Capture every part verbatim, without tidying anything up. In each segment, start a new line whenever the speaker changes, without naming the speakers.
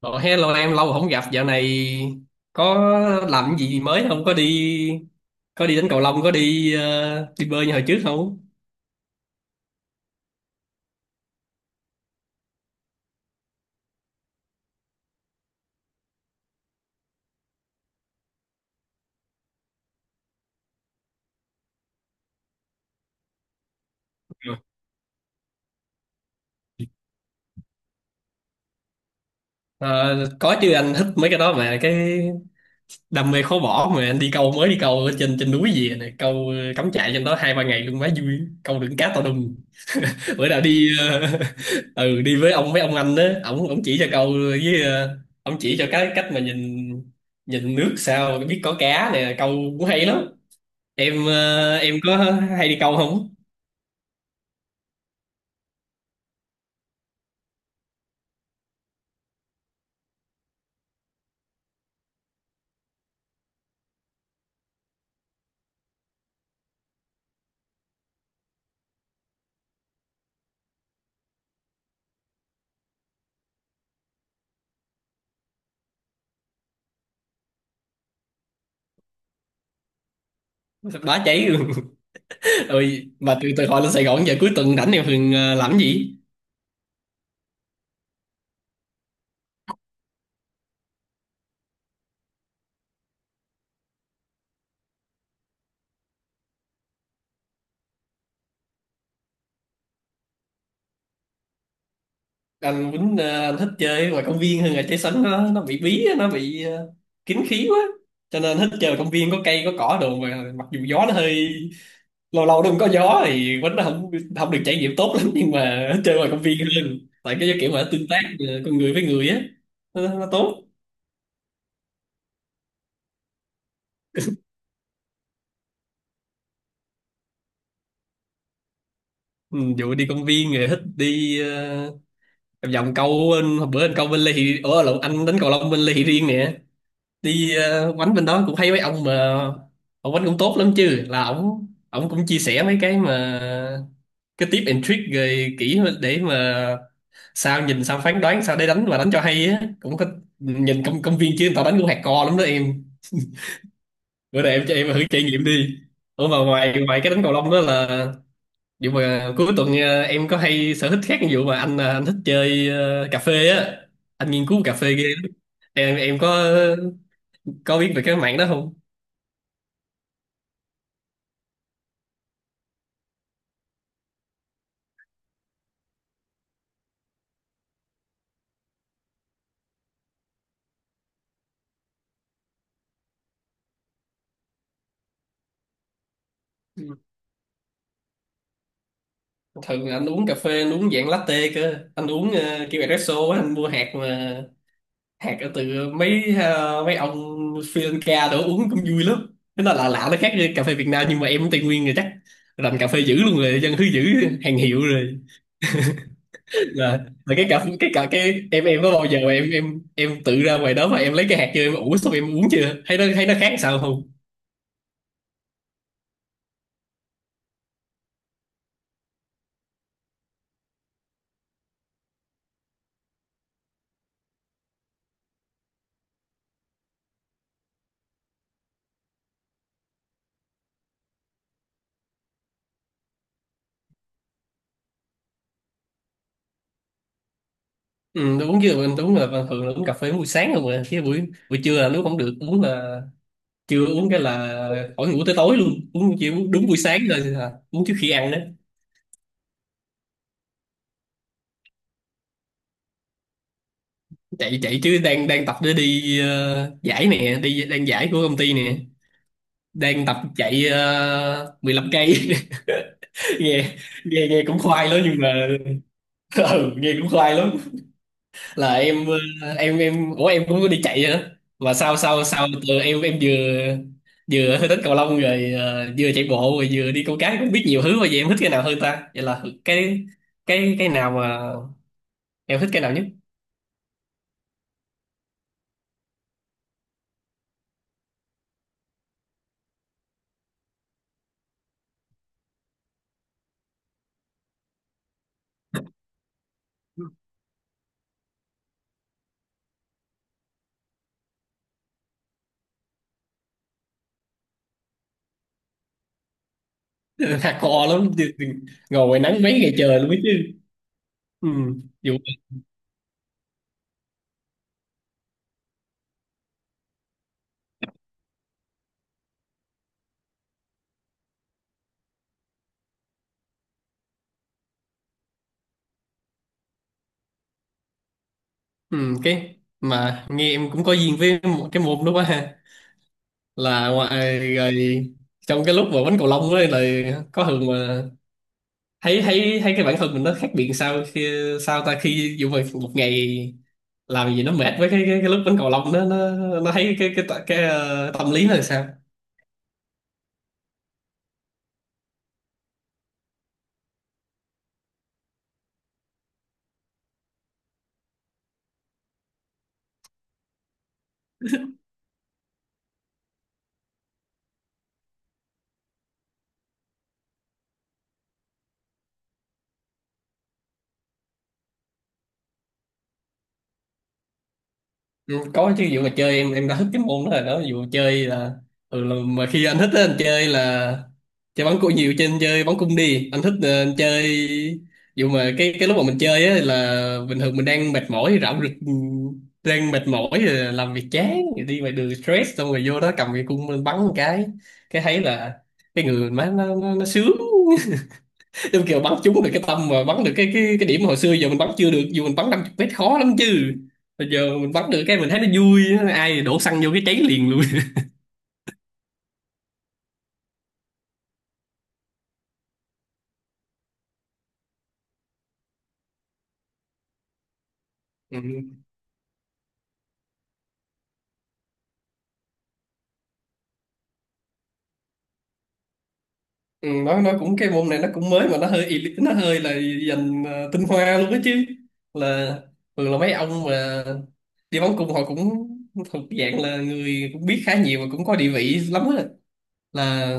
Ồ, hello em, lâu rồi không gặp. Dạo này có làm cái gì mới không, có đi, có đi đánh cầu lông, có đi ờ, đi bơi như hồi trước không? Ừ. Ờ, có chứ, anh thích mấy cái đó mà, cái đam mê khó bỏ mà. Anh đi câu, mới đi câu ở trên trên núi gì này, câu ờ, cắm trại trên đó hai ba ngày luôn, quá vui, câu được cá to đùng. Bữa nào đi ờ, ừ, đi với ông, mấy ông anh đó, ổng ổng chỉ cho câu với ờ, ổng chỉ cho cái cách mà nhìn, nhìn nước sao biết có cá nè, câu cũng hay lắm. Em ờ, em có hay đi câu không? Bá cháy luôn. Rồi mà từ từ hồi lên Sài Gòn, giờ cuối tuần rảnh em thường ờ, làm cái gì? Anh Quýnh ờ, anh thích chơi ngoài công viên hơn là chơi sân, nó nó bị bí á, nó bị ờ, kín khí quá cho nên thích chơi ở công viên có cây có cỏ đồ, mà mặc dù gió nó hơi, lâu lâu nó cũng có gió thì Quýnh nó không không được trải nghiệm tốt lắm, nhưng mà chơi ngoài công viên hơn tại cái kiểu mà tương tác ờ, con người với người á. Nó, nó tốt. Ừ, dụ đi công viên rồi thích đi ờ, em vòng câu bên, hôm bữa anh câu bên Lê Thị, ủa lộn, anh đánh cầu lông bên Lê Thị Riêng nè. Đi ờ, quánh bên đó cũng thấy mấy ông mà, ông quánh cũng tốt lắm chứ, là ổng ổng cũng chia sẻ mấy cái mà cái tip and trick rồi kỹ để mà sao nhìn, sao phán đoán, sao để đánh và đánh cho hay á, cũng có. Nhìn công công viên chứ người ta đánh cũng hardcore lắm đó em. Bữa nay em cho em thử trải nghiệm đi. Ủa mà ngoài ngoài cái đánh cầu lông đó là, vậy mà cuối tuần ờ, em có hay sở thích khác, ví dụ mà anh ờ, anh thích chơi ờ, cà phê á, anh nghiên cứu cà phê ghê lắm. Em em có có biết về cái mạng đó không? Ừ. Thường là anh uống cà phê, anh uống dạng latte cơ, anh uống ờ, kiểu espresso á, anh mua hạt mà hạt ở từ mấy ờ, mấy ông Sri Lanka đó, uống cũng vui lắm. Thế nó là lạ lạ, nó khác với cà phê Việt Nam, nhưng mà em cũng Tây Nguyên rồi chắc rành cà phê dữ luôn rồi, dân thứ dữ hàng hiệu rồi. là là cái cảm, cái cả, cái em em có bao giờ mà em em em tự ra ngoài đó mà em lấy cái hạt chưa, em ủ xong em uống chưa, thấy nó thấy nó khác sao không? Ừ, tôi uống chưa, mình uống là bình thường là uống cà phê buổi sáng không à, chứ buổi buổi trưa là lúc không được uống, là chưa uống cái là khỏi ngủ tới tối luôn, uống chỉ uống đúng buổi sáng rồi à, uống trước khi ăn đó. Chạy chạy chứ, đang đang tập để đi ờ, giải nè, đi, đang giải của công ty nè, đang tập chạy ờ, mười lăm cây nghe nghe nghe cũng khoai lắm nhưng mà ừ, nghe cũng khoai lắm. Là em ờ, em, em ủa em cũng có đi chạy nữa, mà sau sau sau từ em, em vừa vừa hơi thích cầu lông rồi ờ, vừa chạy bộ rồi vừa đi câu cá, cũng biết nhiều thứ mà, vậy em thích cái nào hơn ta, vậy là cái, cái cái nào mà em thích cái nào nhất? Hardcore lắm, ngồi ngoài nắng mấy ngày trời luôn biết chứ. Ừ. Dù ừ cái mà nghe em cũng có duyên với một cái môn đó quá ha, là ngoài rồi. Trong cái lúc mà đánh cầu lông ấy là có thường mà thấy thấy thấy cái bản thân mình nó khác biệt sao, khi sao ta, khi dù mà một ngày làm gì nó mệt, với cái cái, cái lúc đánh cầu lông đó nó nó thấy cái cái, cái, cái, ờ, tâm lý nó là sao? Ừ, có chứ, vụ mà chơi em, em đã thích cái môn đó rồi đó, vụ chơi là ừ, là- mà khi anh thích á, anh chơi là chơi bắn cung nhiều, trên chơi bắn cung đi, anh thích ờ, anh chơi vụ mà cái, cái lúc mà mình chơi á là bình thường mình đang mệt mỏi rạo rực, ừ, đang mệt mỏi rồi làm việc chán rồi đi ngoài đường stress, xong rồi vô đó cầm cái cung lên bắn một cái cái thấy là cái người mình má nó nó, nó sướng, đúng kiểu bắn trúng được cái tâm mà bắn được cái, cái cái điểm hồi xưa giờ mình bắn chưa được, dù mình bắn 50 mét khó lắm chứ, bây giờ mình bắn được cái mình thấy nó vui, ai đổ xăng vô cái cháy liền luôn. Ừ. Ừ, nó nó cũng, cái môn này nó cũng mới mà nó hơi elite, nó hơi là dành ờ, tinh hoa luôn đó chứ, là thường là mấy ông mà đi bắn cung họ cũng thuộc dạng là người cũng biết khá nhiều và cũng có địa vị lắm á, là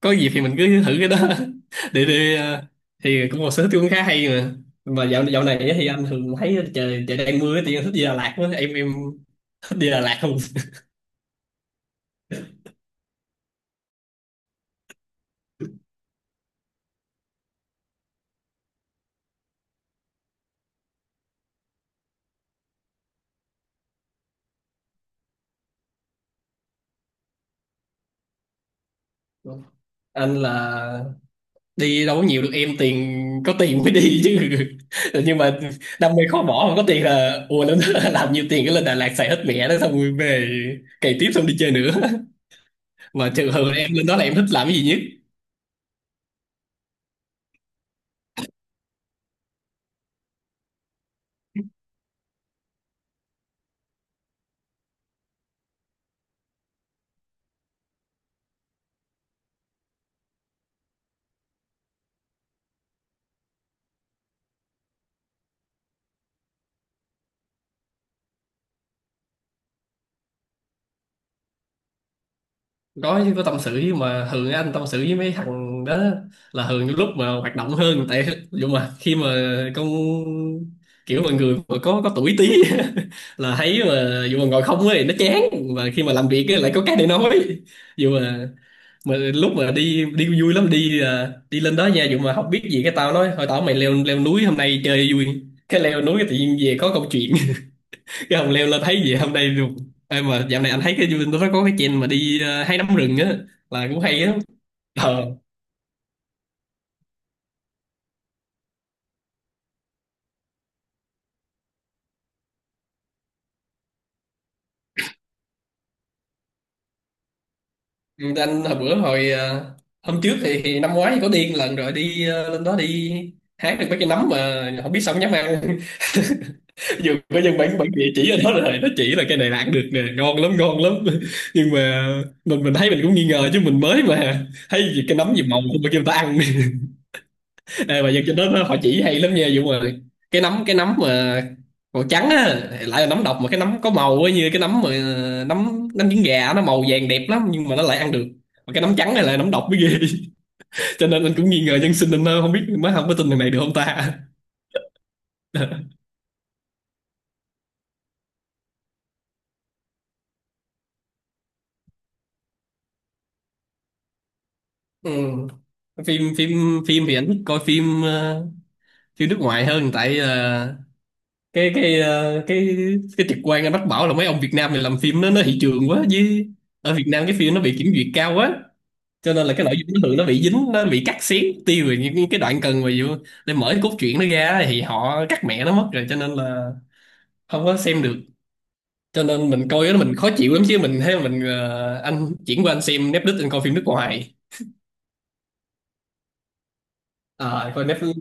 có dịp thì mình cứ thử cái đó để đi ờ, thì cũng một sở thích cũng khá hay mà. Mà dạo dạo này á thì anh thường thấy trời trời đang mưa thì anh thích đi Đà Lạt quá, em em thích đi Đà Lạt không? Anh là đi đâu có nhiều được em, tiền, có tiền mới đi chứ, nhưng mà đam mê khó bỏ, không có tiền là ùa lên làm nhiều tiền cái lên Đà Lạt xài hết mẹ đó, xong rồi về cày tiếp, xong đi chơi nữa. Mà trường hợp em lên đó là em thích làm cái gì nhất? Có chứ, có tâm sự chứ, mà thường anh tâm sự với mấy thằng đó là thường những lúc mà hoạt động hơn, tại dù mà khi mà, con, kiểu mọi người mà có có tuổi tí là thấy mà dù mà ngồi không ấy nó chán, mà khi mà làm việc ấy, lại có cái để nói. Dù mà, mà lúc mà đi, đi vui lắm, đi à, đi lên đó nha dù mà không biết gì, cái tao nói thôi, tao mày leo, leo núi hôm nay chơi vui, cái leo núi cái tự nhiên về có câu chuyện, cái ông leo lên thấy gì hôm nay được- Ê, mà dạo này anh thấy cái YouTube nó có cái trend mà đi ờ, hái nấm rừng á, là cũng hay á. Ờ. Ừ, anh hồi bữa, hồi ờ, hôm trước thì, thì năm ngoái có đi một lần rồi, đi ờ, lên đó đi hái được mấy cái nấm mà không biết sao không dám ăn. Vừa có dân bản bản địa chỉ ở đó rồi nó chỉ là cái này là ăn được nè, ngon lắm, ngon lắm. Nhưng mà mình mình thấy mình cũng nghi ngờ chứ, mình mới mà thấy gì cái nấm gì màu không mà kêu người ta ăn. Ê, mà dân trên đó họ chỉ hay lắm nha Dũng ơi, cái nấm, cái nấm mà màu trắng á lại là nấm độc, mà cái nấm có màu á như cái nấm mà nấm nấm trứng gà nó màu vàng đẹp lắm nhưng mà nó lại ăn được, mà cái nấm trắng này là nấm độc mới ghê. Cho nên anh cũng nghi ngờ dân sinh anh, ờ, không biết mới không có tin thằng này được không ta. Ừ. phim phim Phim thì anh thích coi phim ờ, phim nước ngoài hơn, tại ờ, cái, cái ờ, cái cái trực quan anh bắt bảo là mấy ông Việt Nam này làm phim nó nó thị trường quá, với ở Việt Nam cái phim nó bị kiểm duyệt cao quá, cho nên là cái nội dung nó thường nó bị dính, nó bị cắt xén tiêu rồi, những những cái đoạn cần mà vô để mở cái cốt truyện nó ra thì họ cắt mẹ nó mất rồi, cho nên là không có xem được, cho nên mình coi đó mình khó chịu lắm chứ, mình thấy mình ờ, anh chuyển qua anh xem Netflix, anh coi phim nước ngoài. À, coi Netflix.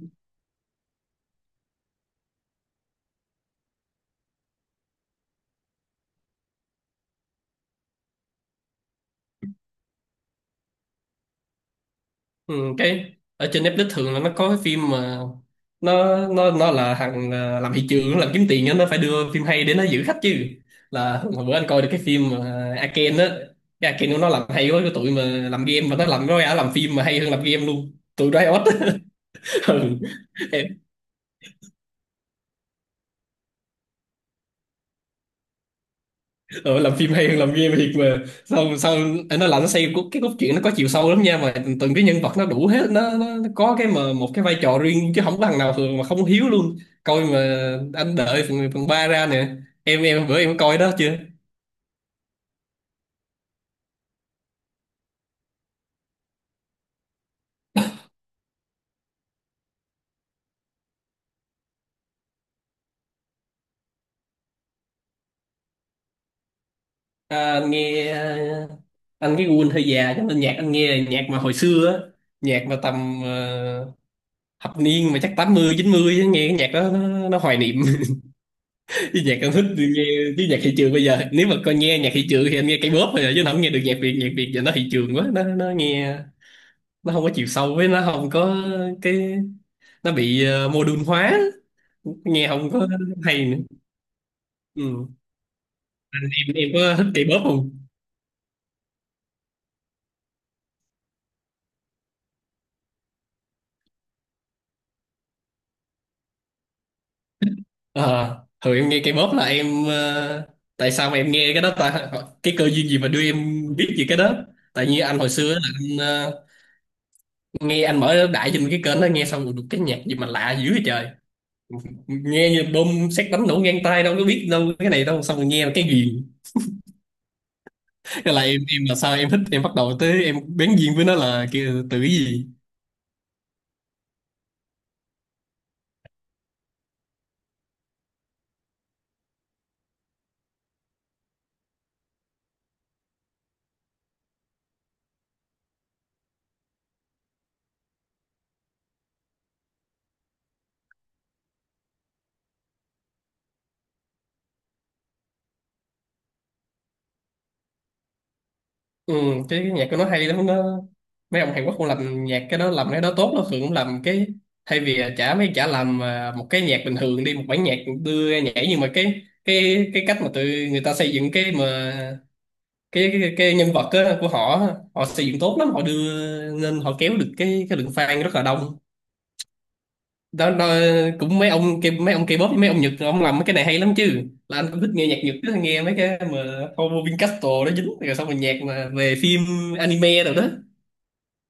Ừ, cái ở trên Netflix thường là nó có cái phim mà nó nó nó là thằng à, làm thị trường nó làm kiếm tiền á, nó phải đưa phim hay để nó giữ khách chứ, là hồi bữa anh coi được cái phim mà Arcane á, cái Arcane của nó làm hay quá, cái tụi mà làm game mà nó làm, nó ra làm phim mà hay hơn làm game luôn, tụi Riot á. Ừ. Ừ, làm phim hay hơn làm game thiệt mà, sao sao anh nói là nó xây cốt- cái cốt truyện nó có chiều sâu lắm nha, mà từng cái nhân vật nó đủ hết, nó, nó, nó có cái mà một cái vai trò riêng chứ không có thằng nào thường mà không hiếu luôn, coi mà anh đợi phần, phần 3 ra nè, em em bữa em có coi đó chưa? À, anh nghe à, anh cái gu anh hơi già cho nên nhạc anh nghe là nhạc mà hồi xưa á, nhạc mà tầm à, thập niên mà chắc tám mươi chín mươi á, nghe cái nhạc đó nó, nó hoài niệm. Cái nhạc anh thích thì nghe, chứ nhạc thị trường bây giờ nếu mà coi nghe nhạc thị trường thì anh nghe cây pop thôi à, chứ anh không nghe được nhạc Việt, nhạc Việt giờ nó thị trường quá, nó nó nghe nó không có chiều sâu, với nó không có cái, nó bị uh, modern hóa, nghe không có hay nữa. Ừ. Anh, em em có thích K-pop không? Ờ, thường em nghe cây pop là em ờ, tại sao mà em nghe cái đó ta, ờ, cái cơ duyên gì mà đưa em biết về cái đó. Tại như anh hồi xưa là anh ờ, nghe, anh mở đại trên cái kênh đó nghe xong được cái nhạc gì mà lạ dữ vậy trời, nghe như bom sét đánh nổ ngang tai, đâu có biết đâu cái này đâu, xong rồi nghe cái gì. Thế là em em là sao, em thích, em bắt đầu tới em bén duyên với nó là kia từ cái gì? Ừ, cái, cái nhạc của nó hay lắm, nó mấy ông Hàn Quốc cũng làm nhạc cái đó, làm cái đó tốt, nó thường cũng làm cái thay vì chả, mấy chả làm à, một cái nhạc bình thường đi, một bản nhạc đưa ra nhảy, nhưng mà cái cái cái cách mà tụi người ta xây dựng cái mà cái cái, cái nhân vật á, của họ á, họ xây dựng tốt lắm, họ đưa nên họ kéo được cái cái lượng fan rất là đông, đó, đó. Cũng mấy ông kia, mấy ông K-pop với mấy ông Nhật, ông làm mấy cái này hay lắm chứ, là anh cũng thích nghe nhạc Nhật, cứ nghe mấy cái mà Homo Vincastro nó dính rồi, xong rồi nhạc mà về phim anime rồi đó.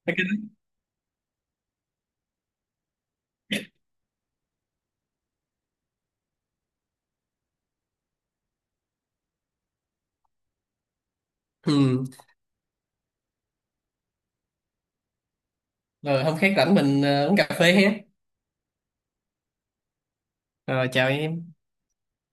Mấy cái đó. Ừ. Rồi hôm khác rảnh mình ờ, uống cà phê ha, rồi chào em.